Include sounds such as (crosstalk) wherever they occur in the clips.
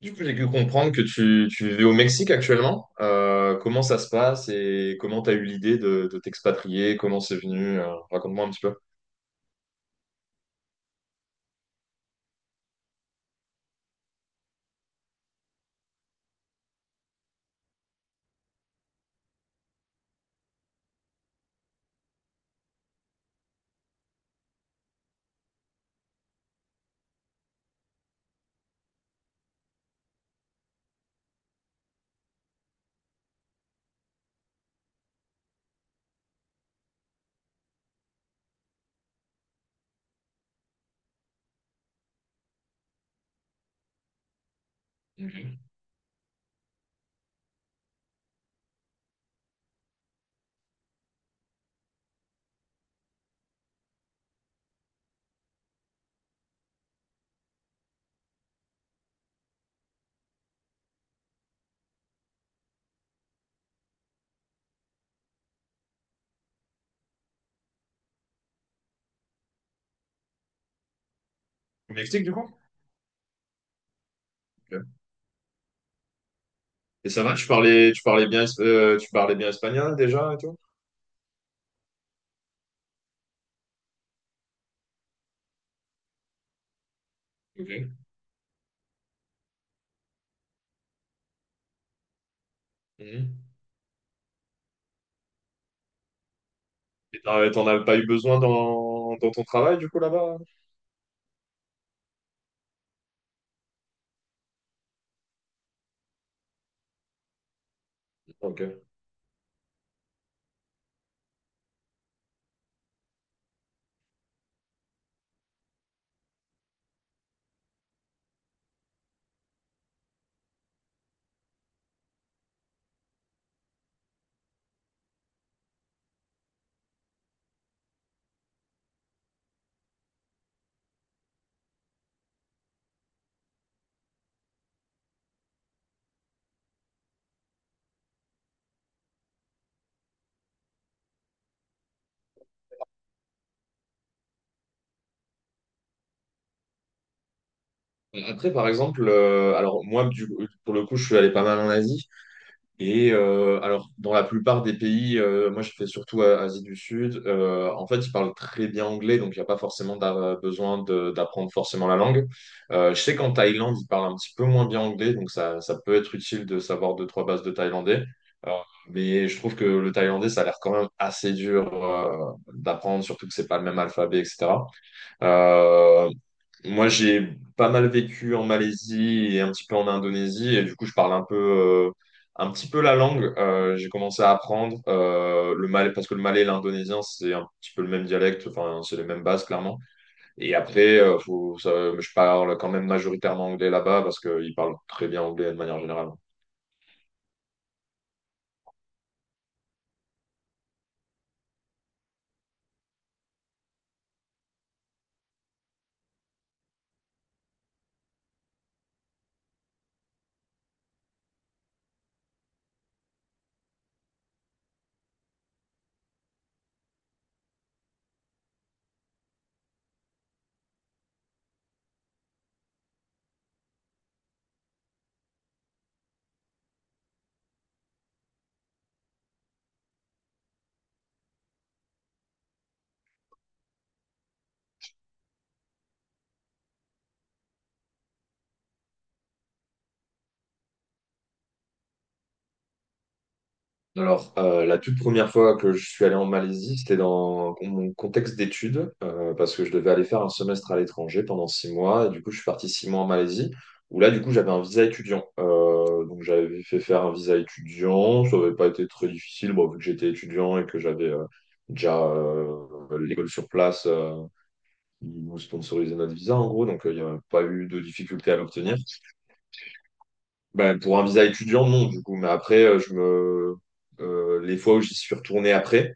Du coup, j'ai pu comprendre que tu vivais au Mexique actuellement. Comment ça se passe et comment tu as eu l'idée de t'expatrier? Comment c'est venu? Raconte-moi un petit peu. Au Mexique, du coup? Ok. Et ça va, tu parlais bien, tu parlais bien espagnol déjà et tout? Ok. Mhm. Et t'en as pas eu besoin dans ton travail, du coup, là-bas? Ok. Après, par exemple, alors moi, pour le coup, je suis allé pas mal en Asie. Et alors, dans la plupart des pays, moi je fais surtout Asie du Sud, en fait, ils parlent très bien anglais, donc il n'y a pas forcément besoin d'apprendre forcément la langue. Je sais qu'en Thaïlande, ils parlent un petit peu moins bien anglais, donc ça peut être utile de savoir deux, trois bases de thaïlandais. Euh, mais je trouve que le thaïlandais, ça a l'air quand même assez dur d'apprendre, surtout que c'est pas le même alphabet, etc. Euh, moi, j'ai pas mal vécu en Malaisie et un petit peu en Indonésie, et du coup, je parle un petit peu la langue. J'ai commencé à apprendre le malais, parce que le malais et l'indonésien, c'est un petit peu le même dialecte, enfin, c'est les mêmes bases, clairement. Et après, je parle quand même majoritairement anglais là-bas, parce qu'ils parlent très bien anglais de manière générale. Alors, la toute première fois que je suis allé en Malaisie, c'était dans mon contexte d'études, parce que je devais aller faire un semestre à l'étranger pendant 6 mois, et du coup, je suis parti 6 mois en Malaisie, où là, du coup, j'avais un visa étudiant. Donc, j'avais fait faire un visa étudiant, ça n'avait pas été très difficile, bon, vu que j'étais étudiant et que j'avais déjà l'école sur place qui nous sponsorisait notre visa, en gros, donc il n'y avait pas eu de difficulté à l'obtenir. Ben, pour un visa étudiant, non, du coup. Mais après, les fois où j'y suis retourné après,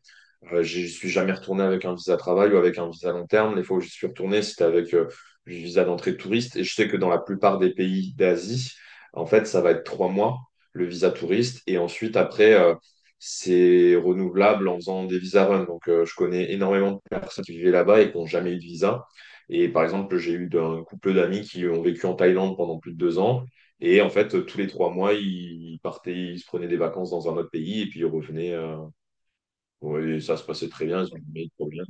j'y suis jamais retourné avec un visa travail ou avec un visa long terme. Les fois où j'y suis retourné, c'était avec le visa d'entrée de touriste. Et je sais que dans la plupart des pays d'Asie, en fait, ça va être 3 mois, le visa touriste. Et ensuite, après, c'est renouvelable en faisant des visas run. Donc, je connais énormément de personnes qui vivaient là-bas et qui n'ont jamais eu de visa. Et par exemple, j'ai eu d'un couple d'amis qui ont vécu en Thaïlande pendant plus de 2 ans. Et en fait, tous les 3 mois, ils partaient, ils se prenaient des vacances dans un autre pays et puis ils revenaient. Ouais, et ça se passait très bien, ils se disaient, trop bien.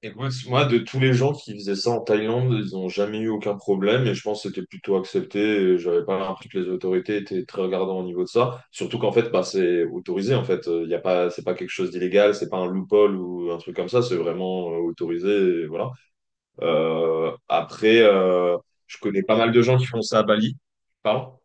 Écoute, moi, moi, de tous les gens qui faisaient ça en Thaïlande, ils n'ont jamais eu aucun problème et je pense que c'était plutôt accepté. Et j'avais pas l'impression que les autorités étaient très regardantes au niveau de ça. Surtout qu'en fait, bah, c'est autorisé. En fait, il y a pas, c'est pas quelque chose d'illégal, c'est pas un loophole ou un truc comme ça. C'est vraiment autorisé. Et voilà. Après, je connais pas mal de gens qui font ça à Bali. Pardon?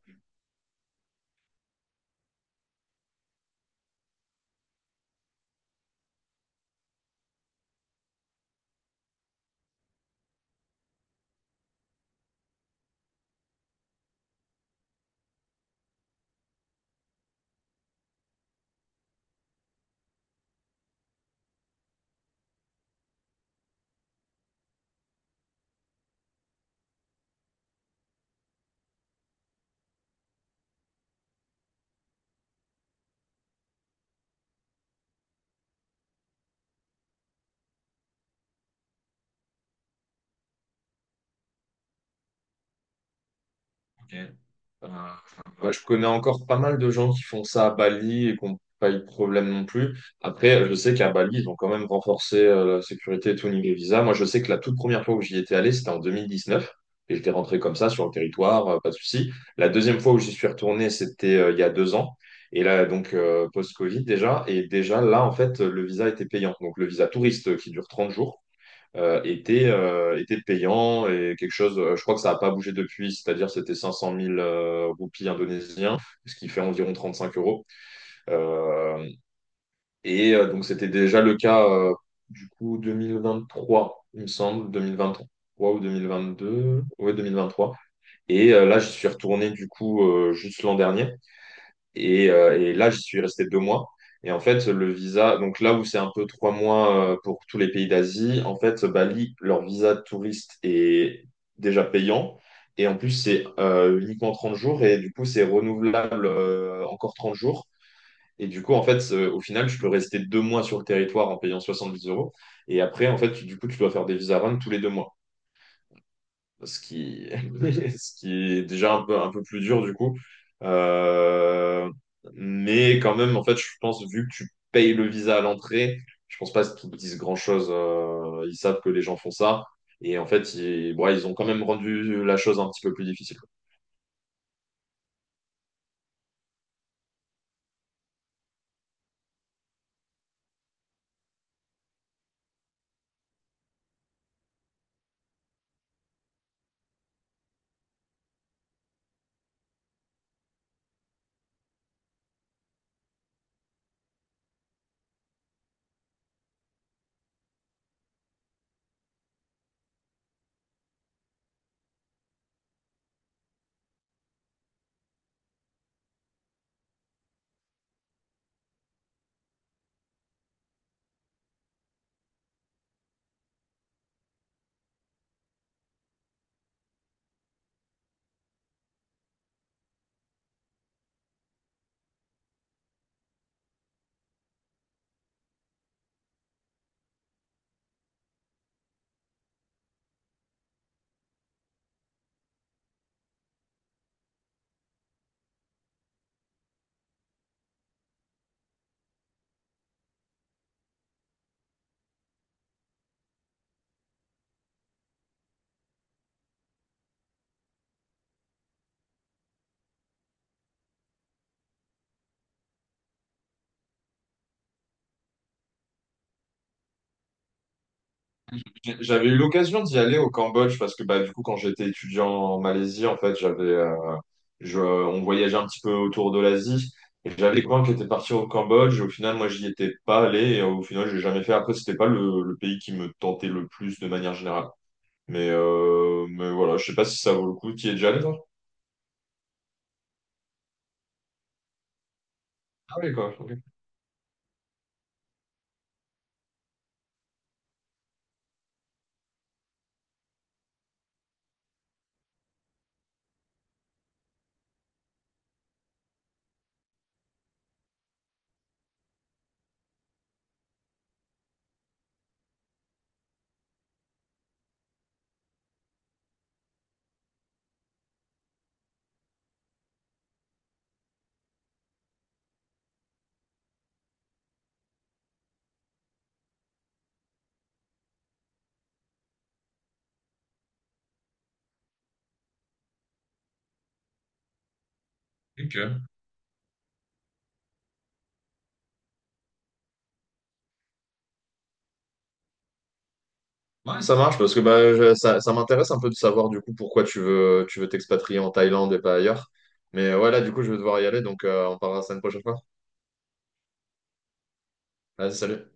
Enfin, ouais, je connais encore pas mal de gens qui font ça à Bali et qui n'ont pas eu de problème non plus. Après, je sais qu'à Bali, ils ont quand même renforcé la sécurité et tout au niveau visa. Moi, je sais que la toute première fois où j'y étais allé, c'était en 2019. Et j'étais rentré comme ça sur le territoire, pas de souci. La deuxième fois où j'y suis retourné, c'était il y a 2 ans. Et là, donc, post-Covid déjà. Et déjà, là, en fait, le visa était payant. Donc, le visa touriste qui dure 30 jours était payant et quelque chose, je crois que ça n'a pas bougé depuis, c'est-à-dire c'était 500 000 roupies indonésiens, ce qui fait environ 35 euros. Euh, donc c'était déjà le cas du coup 2023, il me semble, 2023 ou 2022, ouais 2023. Et là, je suis retourné du coup juste l'an dernier. Et là, j'y suis resté 2 mois. Et en fait, le visa, donc là où c'est un peu 3 mois pour tous les pays d'Asie, en fait, Bali, leur visa de touriste est déjà payant. Et en plus, c'est uniquement 30 jours. Et du coup, c'est renouvelable encore 30 jours. Et du coup, en fait, au final, je peux rester 2 mois sur le territoire en payant 70 euros. Et après, en fait, du coup, tu dois faire des visa run tous les 2 mois ce qui, (laughs) ce qui est déjà un peu plus dur du coup. Euh, mais quand même, en fait, je pense, vu que tu payes le visa à l'entrée, je pense pas qu'ils te disent grand-chose. Ils savent que les gens font ça. Et en fait, ils, bon, ils ont quand même rendu la chose un petit peu plus difficile. J'avais eu l'occasion d'y aller au Cambodge parce que bah, du coup, quand j'étais étudiant en Malaisie, en fait, on voyageait un petit peu autour de l'Asie et j'avais des copains qui étaient partis au Cambodge. Et au final, moi, j'y étais pas allé et au final, j'ai jamais fait. Après, c'était pas le pays qui me tentait le plus de manière générale. Mais voilà, je sais pas si ça vaut le coup. Tu y es déjà allé, toi? Ah oui, quoi. Ok. Ok. Ouais, ça marche parce que bah, ça m'intéresse un peu de savoir du coup pourquoi tu veux t'expatrier en Thaïlande et pas ailleurs. Mais ouais, là, du coup, je vais devoir y aller, donc on parlera ça une prochaine fois. Vas-y, salut.